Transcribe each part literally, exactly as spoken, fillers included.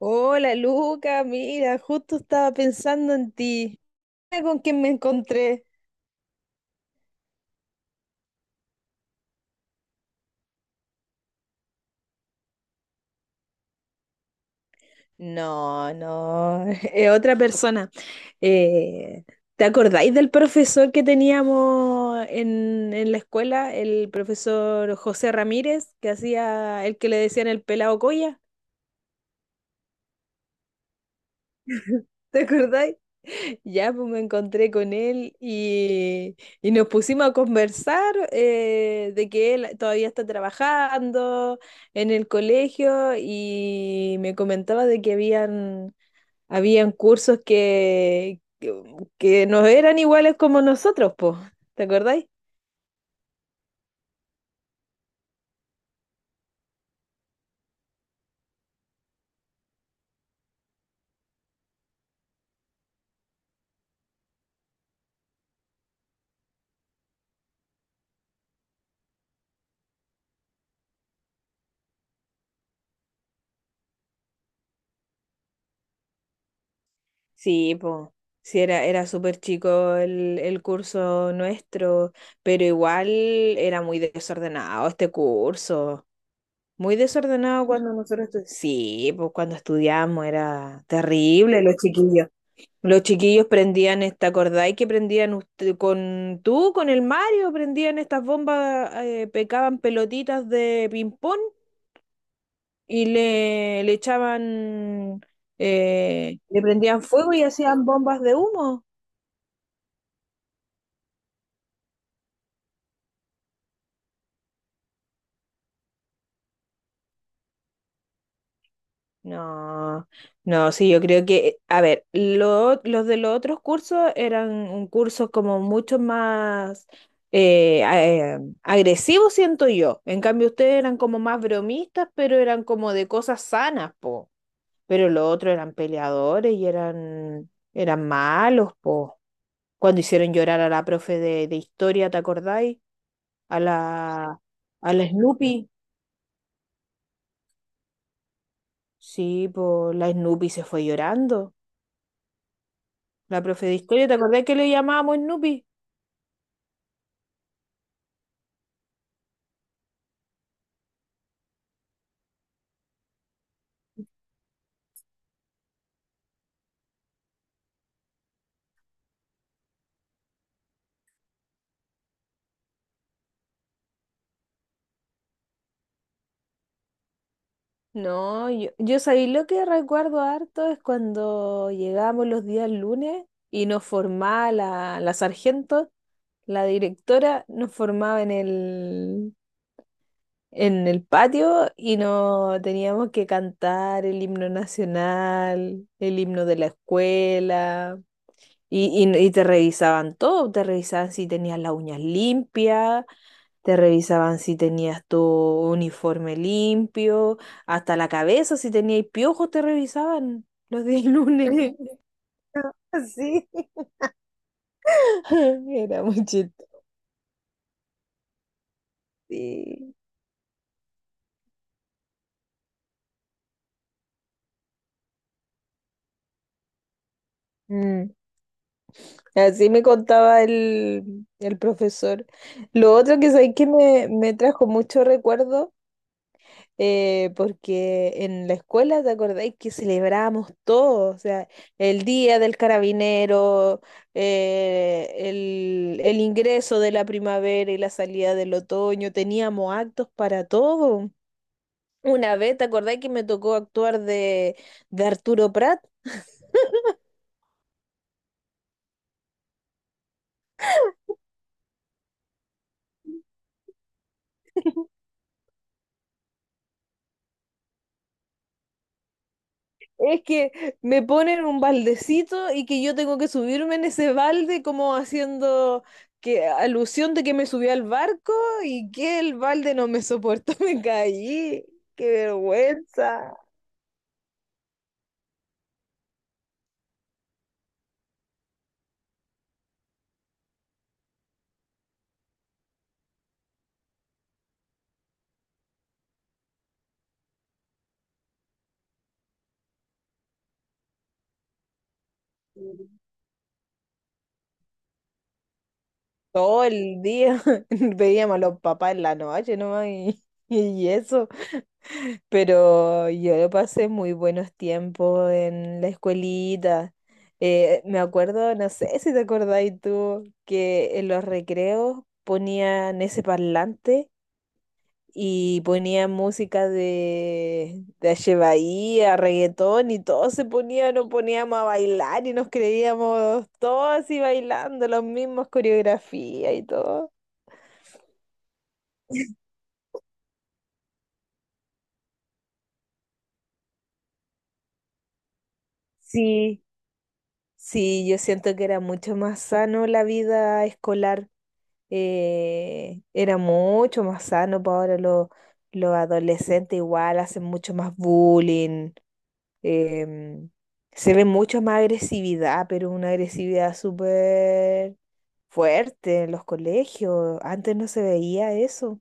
Hola Luca, mira, justo estaba pensando en ti. Mira, ¿con quién me encontré? No, no, es otra persona. Eh, ¿te acordáis del profesor que teníamos en, en la escuela? El profesor José Ramírez, que hacía el que le decían el pelado Coya. ¿Te acordáis? Ya, pues me encontré con él y, y nos pusimos a conversar, eh, de que él todavía está trabajando en el colegio y me comentaba de que habían, habían cursos que, que, que no eran iguales como nosotros, pues. ¿Te acordáis? Sí, pues. Sí, era, era súper chico el, el curso nuestro, pero igual era muy desordenado este curso. Muy desordenado cuando nosotros estudiamos. Sí, pues cuando estudiamos era terrible los chiquillos. Los chiquillos prendían esta, ¿acordáis que prendían usted, con tú, con el Mario, prendían estas bombas, eh, pecaban pelotitas de ping-pong y le, le echaban, eh, le prendían fuego y hacían bombas de humo? No, no, sí, yo creo que, a ver, lo- los de los otros cursos eran un curso como mucho más eh, a- eh, agresivos, siento yo. En cambio, ustedes eran como más bromistas, pero eran como de cosas sanas, po. Pero los otros eran peleadores y eran, eran malos, po. Cuando hicieron llorar a la profe de, de historia, ¿te acordáis? A la, a la Snoopy. Sí, po, la Snoopy se fue llorando. La profe de historia, ¿te acordás que le llamábamos Snoopy? No, yo, yo sabía lo que recuerdo harto es cuando llegábamos los días lunes y nos formaba la, la sargento, la directora, nos formaba en el, en el patio y no teníamos que cantar el himno nacional, el himno de la escuela. Y, y- y te revisaban todo, te revisaban si tenías las uñas limpias. Te revisaban si tenías tu uniforme limpio, hasta la cabeza, si tenías piojos, te revisaban los días lunes. Así. Era muy chistoso. Sí. Mm. Así me contaba el, el profesor. Lo otro que sabéis que me, me trajo mucho recuerdo, eh, porque en la escuela, ¿te acordáis que celebrábamos todo? O sea, el día del carabinero, eh, el, el ingreso de la primavera y la salida del otoño, teníamos actos para todo. Una vez, ¿te acordáis que me tocó actuar de, de Arturo Prat? Es que me ponen un baldecito y que yo tengo que subirme en ese balde como haciendo que alusión de que me subí al barco y que el balde no me soportó, me caí. ¡Qué vergüenza! Todo el día veíamos a los papás en la noche nomás y, y eso. Pero yo pasé muy buenos tiempos en la escuelita. Eh, me acuerdo, no sé si te acordáis tú, que en los recreos ponían ese parlante y ponían música de, de Ache Bahía, reggaetón y todos se ponían, nos poníamos a bailar y nos creíamos todos así bailando, las mismas coreografías y todo. Sí, sí, yo siento que era mucho más sano la vida escolar. Eh, era mucho más sano, para ahora los, los adolescentes igual hacen mucho más bullying, em, se ve mucho más agresividad, pero una agresividad súper fuerte en los colegios, antes no se veía eso.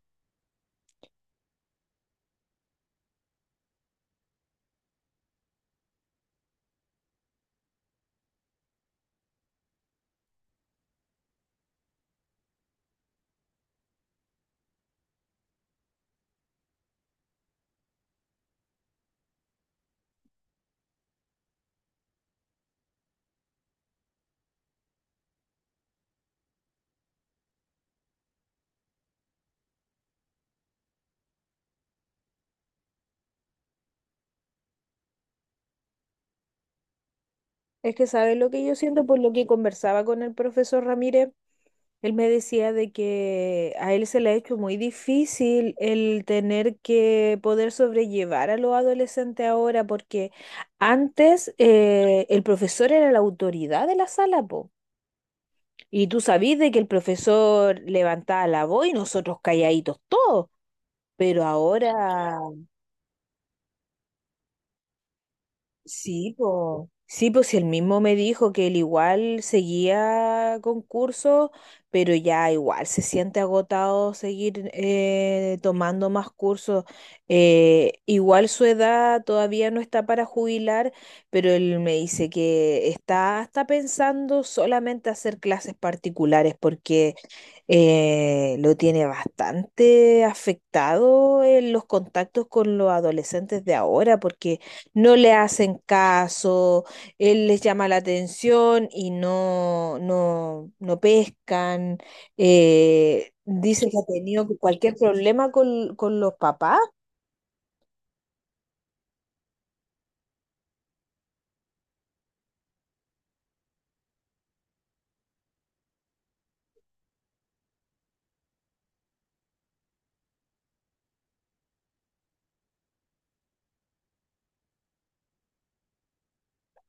Es que, ¿sabes lo que yo siento? Por lo que conversaba con el profesor Ramírez, él me decía de que a él se le ha hecho muy difícil el tener que poder sobrellevar a los adolescentes ahora, porque antes eh, el profesor era la autoridad de la sala, po. Y tú sabías de que el profesor levantaba la voz y nosotros calladitos todos, pero ahora. Sí, pues, sí, pues él mismo me dijo que él igual seguía con cursos, pero ya igual se siente agotado seguir, eh, tomando más cursos. Eh, igual su edad todavía no está para jubilar, pero él me dice que está, está pensando solamente hacer clases particulares porque, eh, lo tiene bastante afectado en los contactos con los adolescentes de ahora, porque no le hacen caso, él les llama la atención y no, no, no pescan. Eh, dice que ha tenido cualquier problema con, con los papás.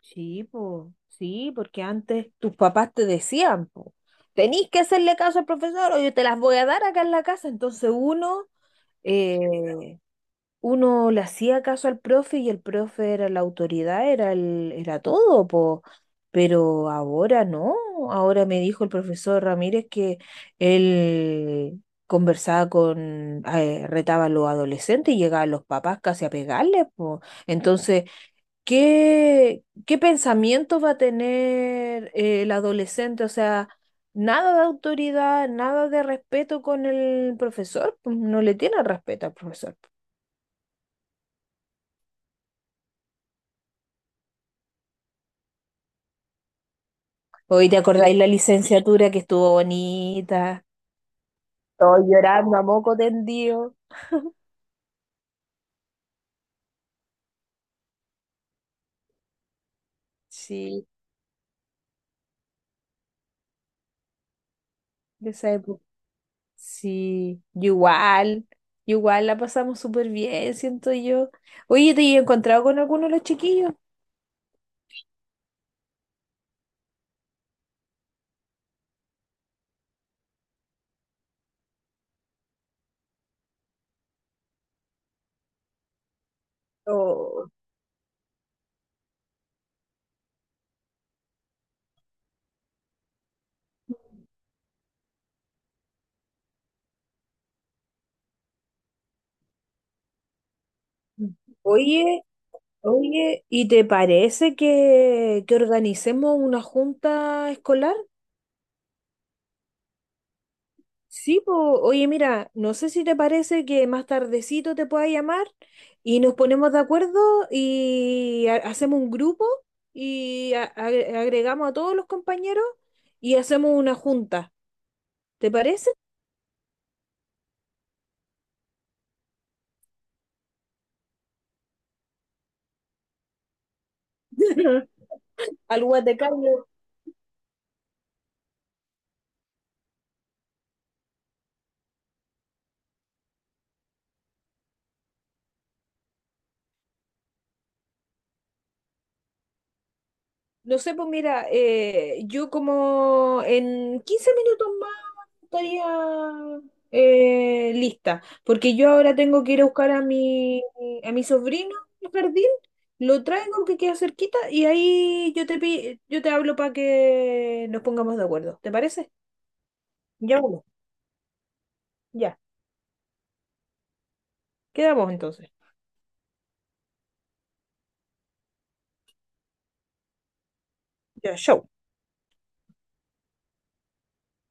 Sí, po, sí, porque antes tus papás te decían, po, tenís que hacerle caso al profesor o yo te las voy a dar acá en la casa. Entonces uno, eh, uno le hacía caso al profe y el profe era la autoridad, era el, era todo, po. Pero ahora no, ahora me dijo el profesor Ramírez que él conversaba con, eh, retaba a los adolescentes y llegaban los papás casi a pegarles, po. Entonces, ¿qué, qué pensamiento va a tener, eh, el adolescente? O sea, nada de autoridad, nada de respeto con el profesor, pues, no le tiene respeto al profesor. Hoy te acordáis la licenciatura que estuvo bonita, todos llorando a moco tendido. Sí, de esa época. Sí, yo igual, yo igual la pasamos súper bien, siento yo. Oye, ¿te he encontrado con alguno de los chiquillos? Oh. Oye, oye, ¿y te parece que, que organicemos una junta escolar? Sí, po. Oye, mira, no sé si te parece que más tardecito te pueda llamar y nos ponemos de acuerdo y ha- hacemos un grupo y a- agre- agregamos a todos los compañeros y hacemos una junta. ¿Te parece? Al Guatecán. No sé, pues mira, eh, yo como en quince minutos más estaría, eh, lista, porque yo ahora tengo que ir a buscar a mi, a mi sobrino al jardín, lo traigo que queda cerquita y ahí yo te, pi- yo te hablo para que nos pongamos de acuerdo. ¿Te parece? Ya, bueno, ya. Quedamos entonces. Ya, show.